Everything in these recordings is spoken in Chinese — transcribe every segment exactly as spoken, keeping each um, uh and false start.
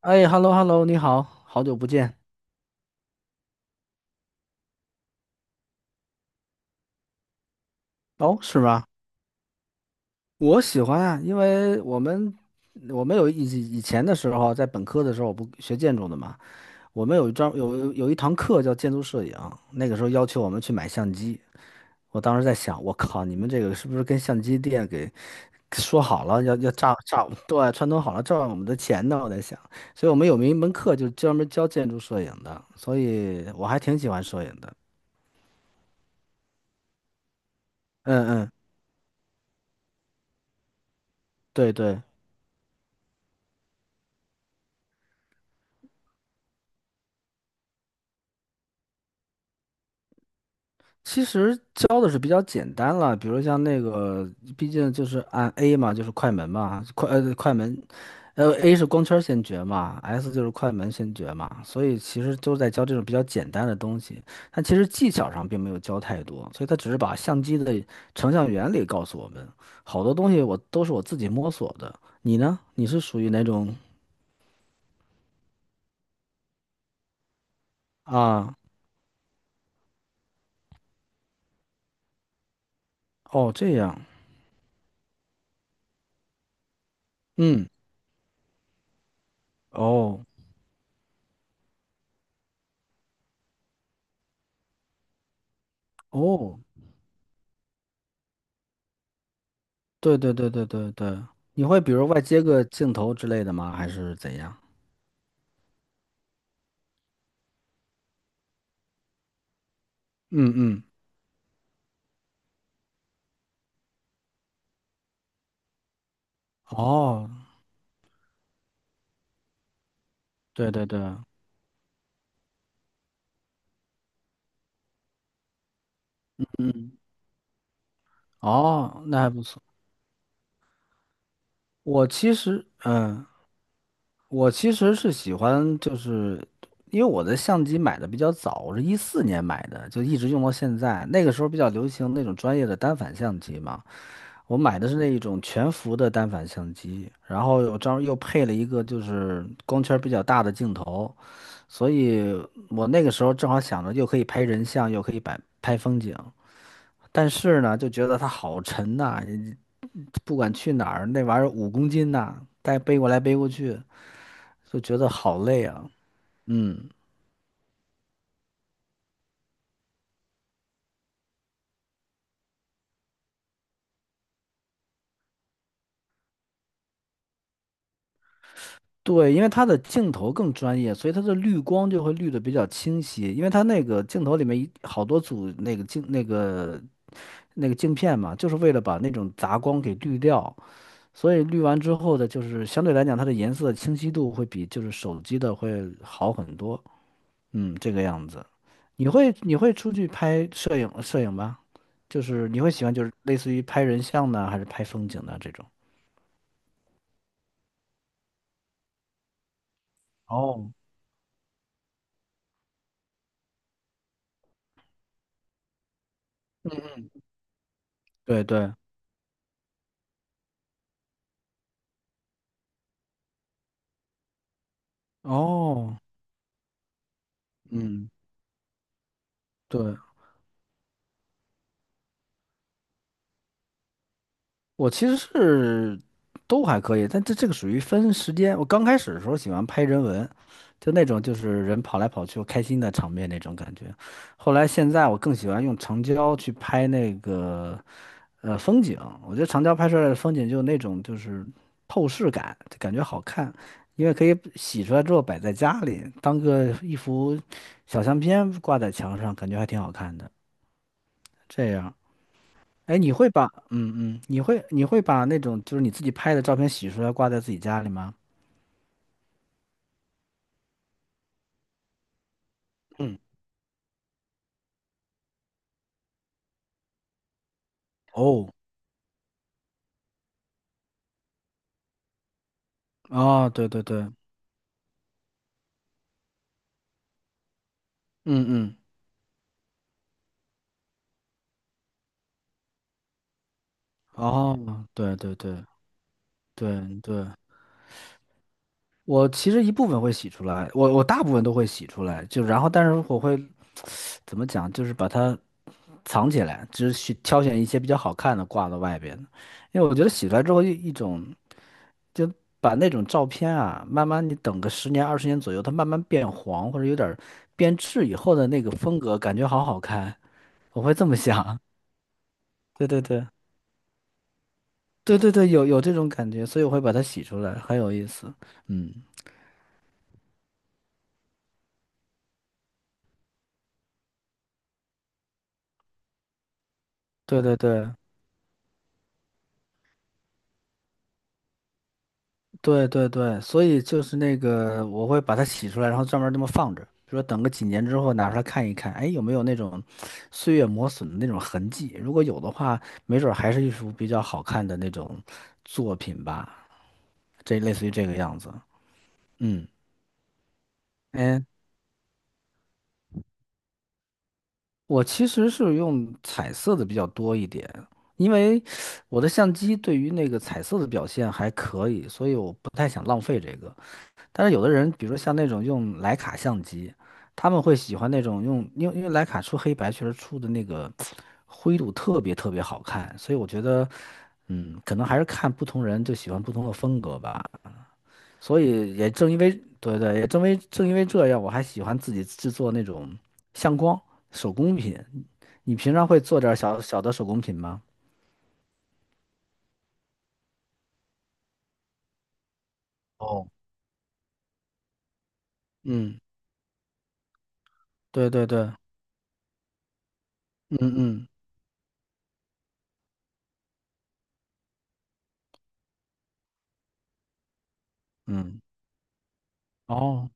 哎，hello hello，你好，好久不见。哦，是吗？我喜欢啊，因为我们我们有以以前的时候啊，在本科的时候，我不学建筑的嘛，我们有一张有有一堂课叫建筑摄影，那个时候要求我们去买相机。我当时在想，我靠，你们这个是不是跟相机店给说好了要要诈诈对串通好了诈我们的钱呢？我在想，所以我们有一门课就专门教建筑摄影的，所以我还挺喜欢摄影的。嗯嗯，对对。其实教的是比较简单了，比如像那个，毕竟就是按 A 嘛，就是快门嘛，快呃快门，呃 A 是光圈先决嘛，S 就是快门先决嘛，所以其实都在教这种比较简单的东西，但其实技巧上并没有教太多，所以他只是把相机的成像原理告诉我们，好多东西我都是我自己摸索的。你呢？你是属于哪种啊？哦，这样，嗯，哦哦。对对对对对对，你会比如外接个镜头之类的吗？还是怎样？嗯嗯，哦，对对对，嗯，哦，那还不错。我其实，嗯，我其实是喜欢，就是因为我的相机买的比较早，我是一四年买的，就一直用到现在。那个时候比较流行那种专业的单反相机嘛，我买的是那一种全幅的单反相机，然后有张又配了一个就是光圈比较大的镜头，所以我那个时候正好想着又可以拍人像，又可以摆拍风景，但是呢，就觉得它好沉呐、不管去哪儿，那玩意儿五公斤呐、带背过来背过去。就觉得好累啊。嗯，对，因为它的镜头更专业，所以它的滤光就会滤的比较清晰。因为它那个镜头里面一好多组那个镜那个那个镜片嘛，就是为了把那种杂光给滤掉。所以滤完之后的，就是相对来讲，它的颜色清晰度会比就是手机的会好很多。嗯，这个样子。你会你会出去拍摄影摄影吗？就是你会喜欢就是类似于拍人像呢，还是拍风景呢这种？哦，对对。哦，嗯，对，我其实是都还可以，但这这个属于分时间。我刚开始的时候喜欢拍人文，就那种就是人跑来跑去开心的场面那种感觉。后来现在我更喜欢用长焦去拍那个呃风景，我觉得长焦拍出来的风景就那种就是透视感，就感觉好看，因为可以洗出来之后摆在家里，当个一幅小相片挂在墙上，感觉还挺好看的。这样。哎，你会把嗯嗯，你会你会把那种就是你自己拍的照片洗出来挂在自己家里吗？嗯，哦，哦，对对对，嗯嗯，哦，对对对对对，我其实一部分会洗出来，我我大部分都会洗出来，就然后但是我会怎么讲，就是把它藏起来，只是挑选一些比较好看的挂到外边的因为我觉得洗出来之后一一种。就把那种照片啊，慢慢你等个十年二十年左右，它慢慢变黄或者有点儿变质以后的那个风格，感觉好好看。我会这么想。对对对对对对，有有这种感觉，所以我会把它洗出来，很有意思。嗯，对对对对对对，所以就是那个，我会把它洗出来，然后专门这么放着，比如说等个几年之后拿出来看一看，哎，有没有那种岁月磨损的那种痕迹？如果有的话，没准儿还是一幅比较好看的那种作品吧，这类似于这个样子。嗯，哎，我其实是用彩色的比较多一点，因为我的相机对于那个彩色的表现还可以，所以我不太想浪费这个。但是有的人，比如说像那种用徕卡相机，他们会喜欢那种用，因为因为徕卡出黑白确实出的那个灰度特别特别好看，所以我觉得，嗯，可能还是看不同人就喜欢不同的风格吧。所以也正因为，对对，也正为正因为这样，我还喜欢自己制作那种相框手工品。你平常会做点儿小小的手工品吗？哦，嗯，对对对，嗯嗯嗯，哦，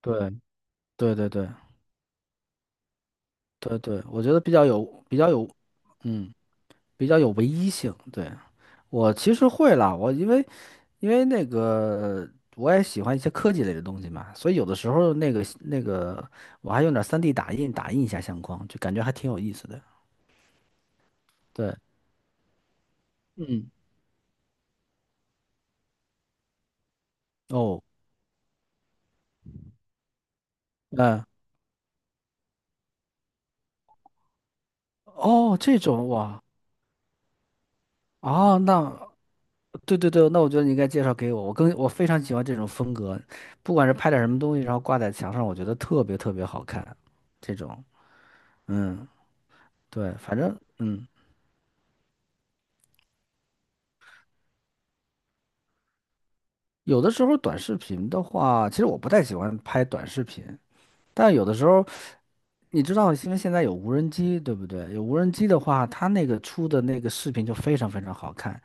对对对对，对对，我觉得比较有比较有，嗯，比较有唯一性。对，我其实会啦，我因为因为那个我也喜欢一些科技类的东西嘛，所以有的时候那个那个我还用点 三 D 打印打印一下相框，就感觉还挺有意思的。对，嗯，哦，嗯，哦，这种哇，哦，那对对对，那我觉得你应该介绍给我，我更我非常喜欢这种风格，不管是拍点什么东西，然后挂在墙上，我觉得特别特别好看，这种。嗯，对，反正嗯，有的时候短视频的话，其实我不太喜欢拍短视频，但有的时候，你知道，因为现在有无人机，对不对？有无人机的话，它那个出的那个视频就非常非常好看，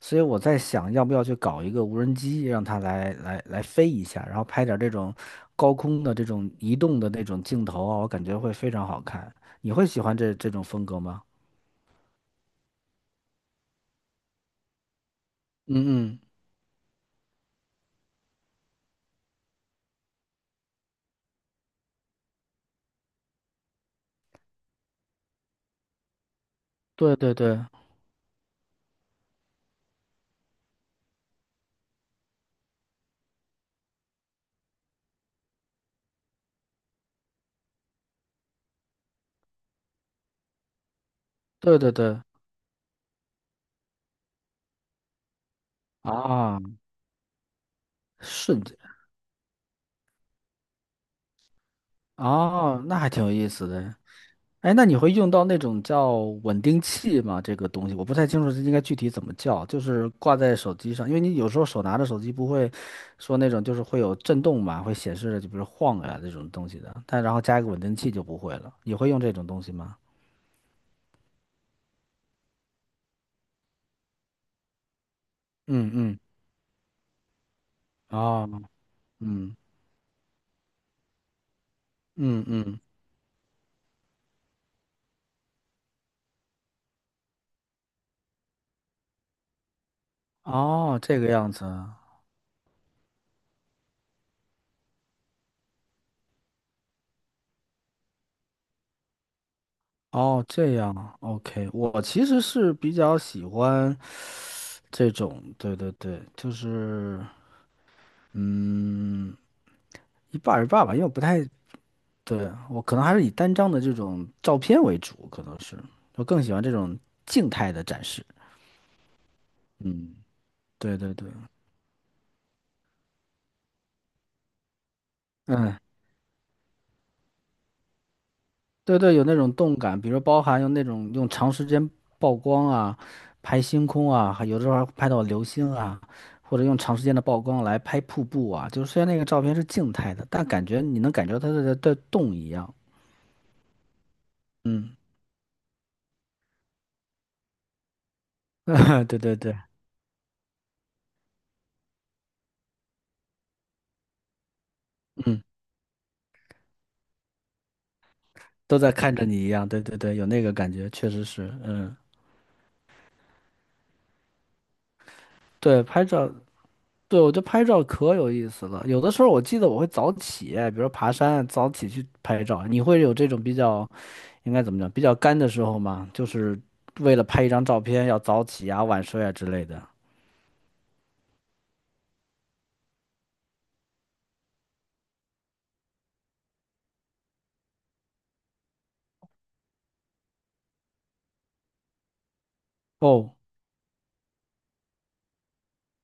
所以我在想，要不要去搞一个无人机，让它来来来飞一下，然后拍点儿这种高空的这种移动的那种镜头啊，我感觉会非常好看。你会喜欢这这种风格吗？嗯嗯，对对对对对对，啊，瞬间。哦，那还挺有意思的。哎，那你会用到那种叫稳定器吗？这个东西我不太清楚，这应该具体怎么叫，就是挂在手机上，因为你有时候手拿着手机不会说那种就是会有震动嘛，会显示就比如晃呀、这种东西的，但然后加一个稳定器就不会了。你会用这种东西吗？嗯嗯，哦，嗯嗯嗯，哦，这个样子啊。哦，这样啊，OK,我其实是比较喜欢这种，对对对，就是嗯，一半儿一半儿吧，因为我不太，对，我可能还是以单张的这种照片为主，可能是我更喜欢这种静态的展示。嗯，对对对，嗯，对对，有那种动感，比如包含用那种用长时间曝光啊，拍星空啊，还有的时候还拍到流星啊，或者用长时间的曝光来拍瀑布啊，就是虽然那个照片是静态的，但感觉你能感觉到它在在在动一样。嗯，对对对，嗯。都在看着你一样，对对对，有那个感觉，确实是，嗯，对，拍照，对，我觉得拍照可有意思了。有的时候我记得我会早起，比如说爬山，早起去拍照。你会有这种比较，应该怎么讲，比较干的时候吗？就是为了拍一张照片要早起啊、晚睡啊之类的。哦，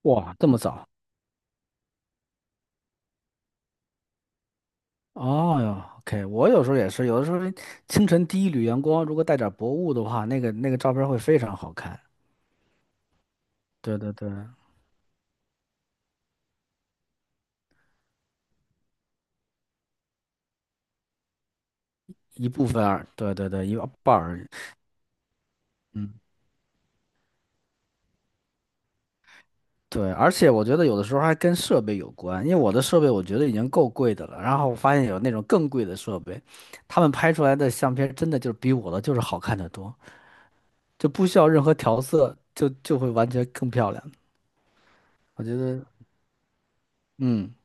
哇，这么早？哦哟，OK,我有时候也是，有的时候清晨第一缕阳光，如果带点薄雾的话，那个那个照片会非常好看。对对对，一部分而，对对对，一半儿而已。嗯，对，而且我觉得有的时候还跟设备有关，因为我的设备我觉得已经够贵的了，然后我发现有那种更贵的设备，他们拍出来的相片真的就是比我的就是好看的多，就不需要任何调色，就就会完全更漂亮。我觉得，嗯。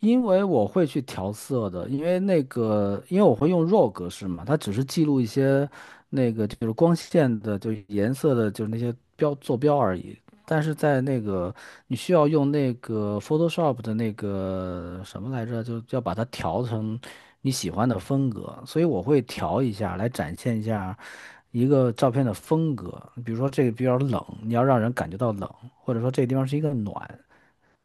因为我会去调色的，因为那个，因为我会用 R A W 格式嘛，它只是记录一些那个就是光线的，就是颜色的，就是那些标坐标而已。但是在那个你需要用那个 Photoshop 的那个什么来着，就要把它调成你喜欢的风格，所以我会调一下来展现一下一个照片的风格。比如说这个比较冷，你要让人感觉到冷，或者说这个地方是一个暖，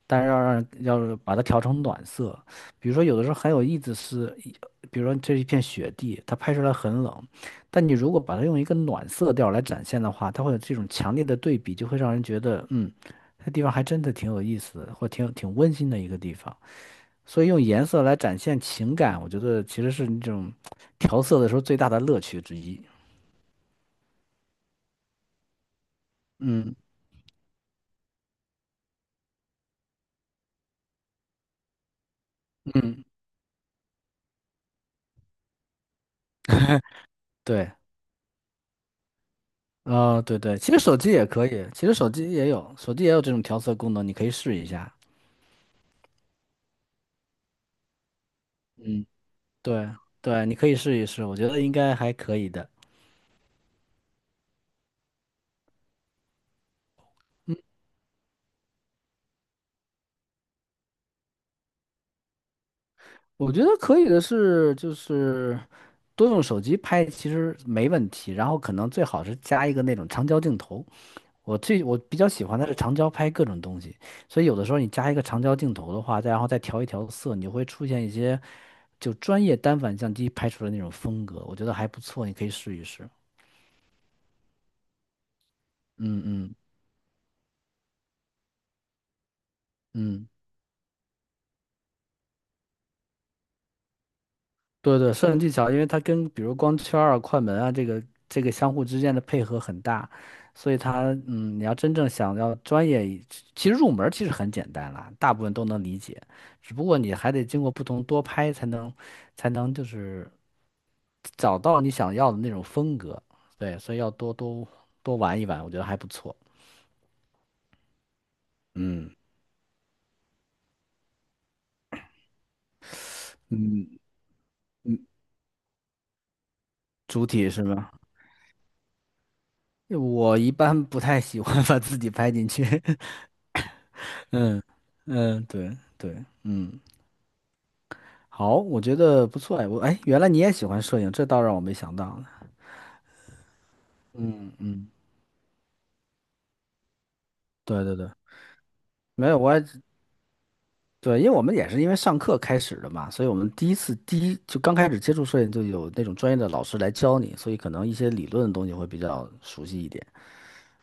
但是要让要是把它调成暖色，比如说有的时候很有意思是，一比如说这是一片雪地，它拍出来很冷，但你如果把它用一个暖色调来展现的话，它会有这种强烈的对比，就会让人觉得，嗯，那地方还真的挺有意思的，或挺有挺温馨的一个地方。所以用颜色来展现情感，我觉得其实是那种调色的时候最大的乐趣之一。嗯嗯，对。啊、对对，其实手机也可以，其实手机也有，手机也有这种调色功能，你可以试一下。嗯，对对，你可以试一试，我觉得应该还可以的。我觉得可以的是，就是多用手机拍其实没问题，然后可能最好是加一个那种长焦镜头。我最我比较喜欢的是长焦拍各种东西，所以有的时候你加一个长焦镜头的话，再然后再调一调色，你会出现一些就专业单反相机拍出的那种风格，我觉得还不错，你可以试一试。嗯嗯嗯。对对，摄影技巧，因为它跟比如光圈儿啊、快门啊这个这个相互之间的配合很大，所以它嗯，你要真正想要专业一其实入门儿其实很简单啦，大部分都能理解，只不过你还得经过不同多拍才能才能就是找到你想要的那种风格，对，所以要多多多玩一玩，我觉得还不错。嗯嗯，主体是吗？我一般不太喜欢 把自己拍进去。嗯嗯，对对，嗯。好，我觉得不错哎，我哎，原来你也喜欢摄影，这倒让我没想到呢。嗯嗯，对对对，没有，我也对，因为我们也是因为上课开始的嘛，所以我们第一次第一就刚开始接触摄影，就有那种专业的老师来教你，所以可能一些理论的东西会比较熟悉一点。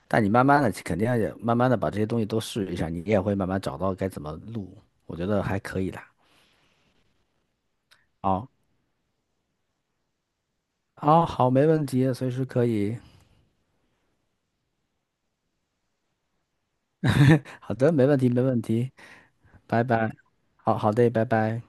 但你慢慢的肯定也慢慢的把这些东西都试一下，你也会慢慢找到该怎么录，我觉得还可以的。好，哦，好，没问题，随时可以。好的，没问题，没问题，拜拜。好好的，拜拜。